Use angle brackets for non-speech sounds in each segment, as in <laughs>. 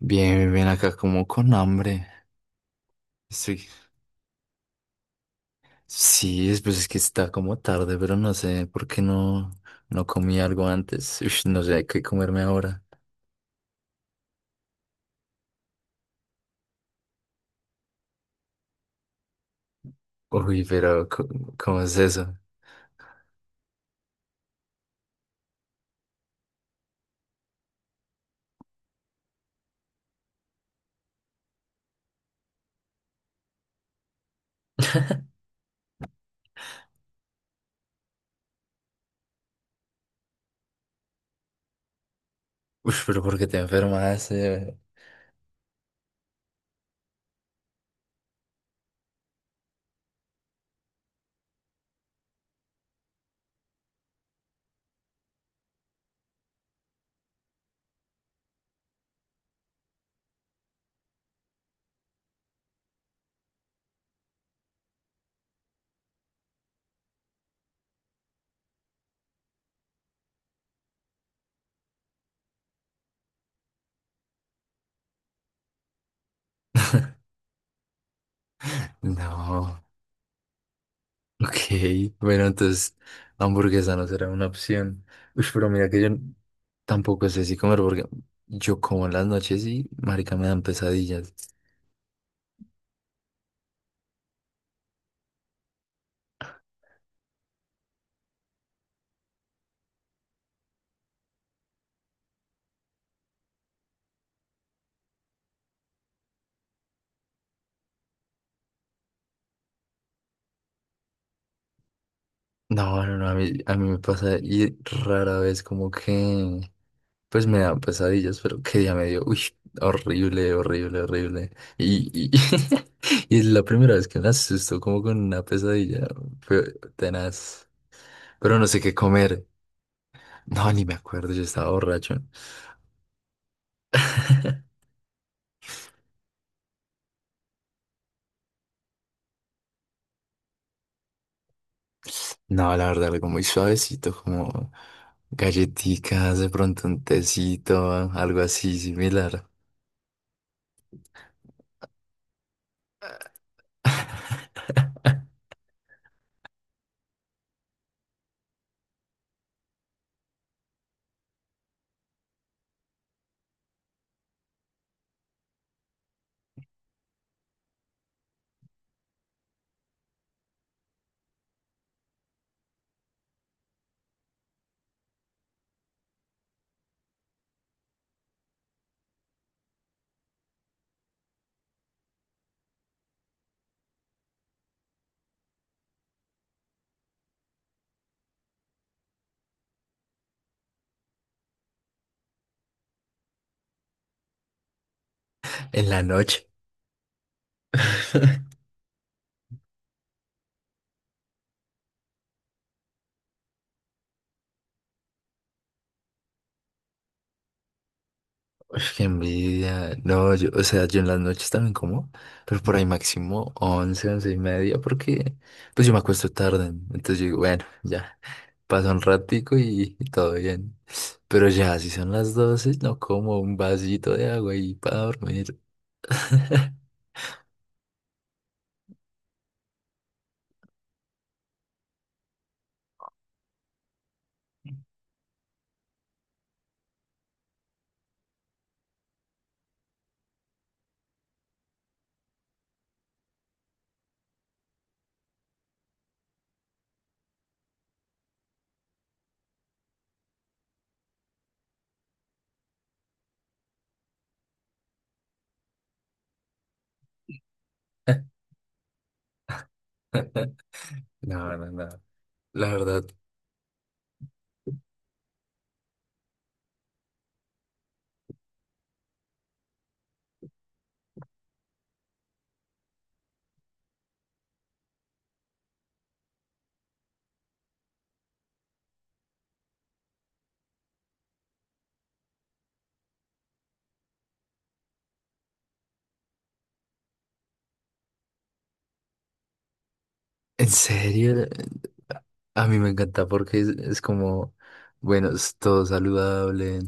Bien, bien, bien, acá como con hambre. Sí. Sí, pues es que está como tarde, pero no sé por qué no, no comí algo antes. Ush, no sé qué comerme ahora. Uy, pero ¿cómo es eso? Uy, pero ¿por qué te enfermaste? No. <laughs> Ok, bueno, entonces hamburguesa no será una opción. Uy, pero mira que yo tampoco sé si comer porque yo como en las noches y marica me dan pesadillas. No, no, no, a mí me pasa y rara vez como que, pues me dan pesadillas, pero qué día me dio, uy, horrible, horrible, horrible. Y, y, <laughs> y es la primera vez que me asusto como con una pesadilla, fue tenaz. Pero no sé qué comer. No, ni me acuerdo, yo estaba borracho. No, la verdad, algo muy suavecito, como galletitas, de pronto un tecito, algo así similar. <laughs> En la noche. <laughs> Uf, qué envidia. No, yo, o sea, yo en las noches también como, pero por ahí máximo once y media, porque pues yo me acuesto tarde. Entonces yo digo, bueno, ya, pasa un ratico y todo bien. Pero ya, si son las 12 no como un vasito de agua y para dormir. <laughs> No, no, no. La verdad, en serio, a mí me encanta porque es como, bueno, es todo saludable.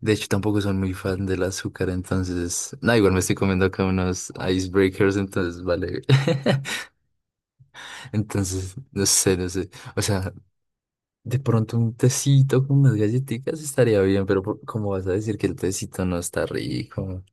De hecho, tampoco soy muy fan del azúcar, entonces, nada, igual me estoy comiendo acá unos icebreakers, entonces, vale. <laughs> Entonces, no sé, no sé. O sea, de pronto un tecito con unas galletitas estaría bien, pero ¿cómo vas a decir que el tecito no está rico?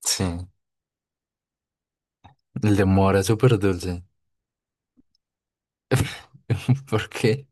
Sí, el de mora es súper dulce. <laughs> ¿Por qué?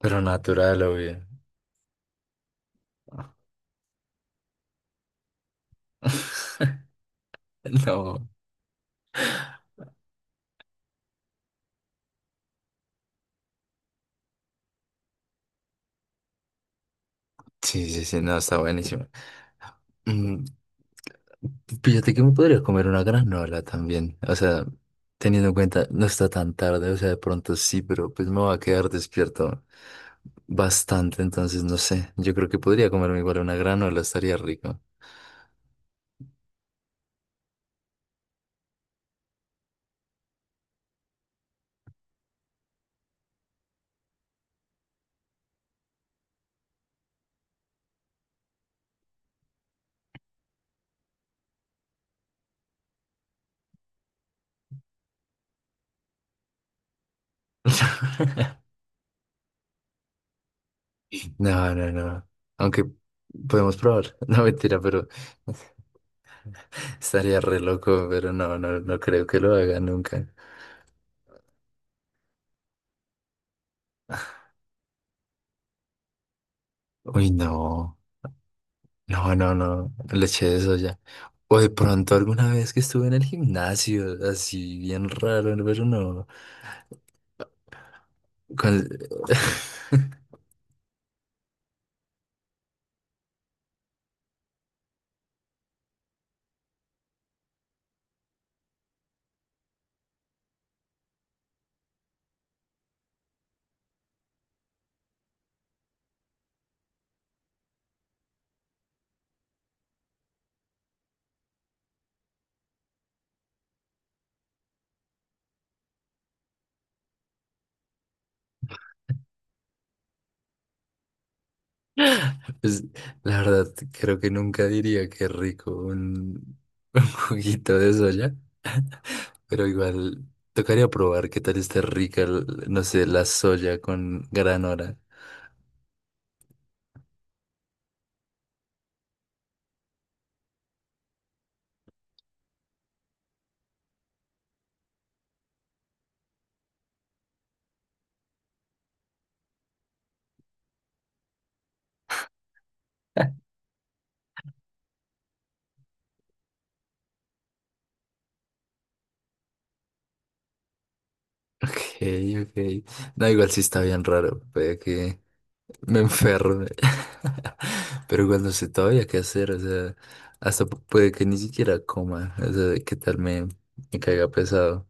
Pero natural, obvio. <laughs> No. Sí, sí, sí, no, está buenísimo. Mm, fíjate que me podría comer una granola también. O sea, teniendo en cuenta, no está tan tarde, o sea, de pronto sí, pero pues me va a quedar despierto bastante, entonces no sé. Yo creo que podría comerme igual una granola, estaría rico. <laughs> No, no, no. Aunque podemos probar. <laughs> No, mentira, pero <laughs> estaría re loco, pero no, no, no creo que lo haga nunca. Uy, no. No, no, no, no le eché eso ya. O de pronto alguna vez que estuve en el gimnasio, así bien raro, pero no. Con- <laughs> Pues, la verdad, creo que nunca diría que rico un, <laughs> un, juguito de soya, pero igual tocaría probar qué tal está rica, no sé, la soya con granola. Ok, ok. No, igual sí está bien raro, puede que me enferme. <laughs> Pero cuando no sé todavía qué hacer, o sea, hasta puede que ni siquiera coma, o sea, qué tal me caiga pesado.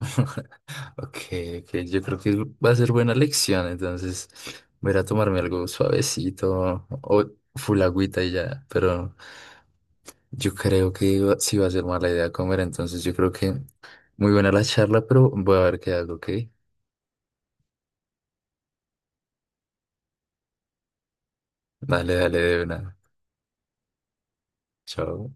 <laughs> Ok, ok, yo creo que va a ser buena lección, entonces voy a ir a tomarme algo suavecito o full agüita y ya, pero yo creo que sí va a ser mala idea comer, entonces yo creo que muy buena la charla, pero voy a ver qué hago, ¿ok? Dale, dale, de una. Chao.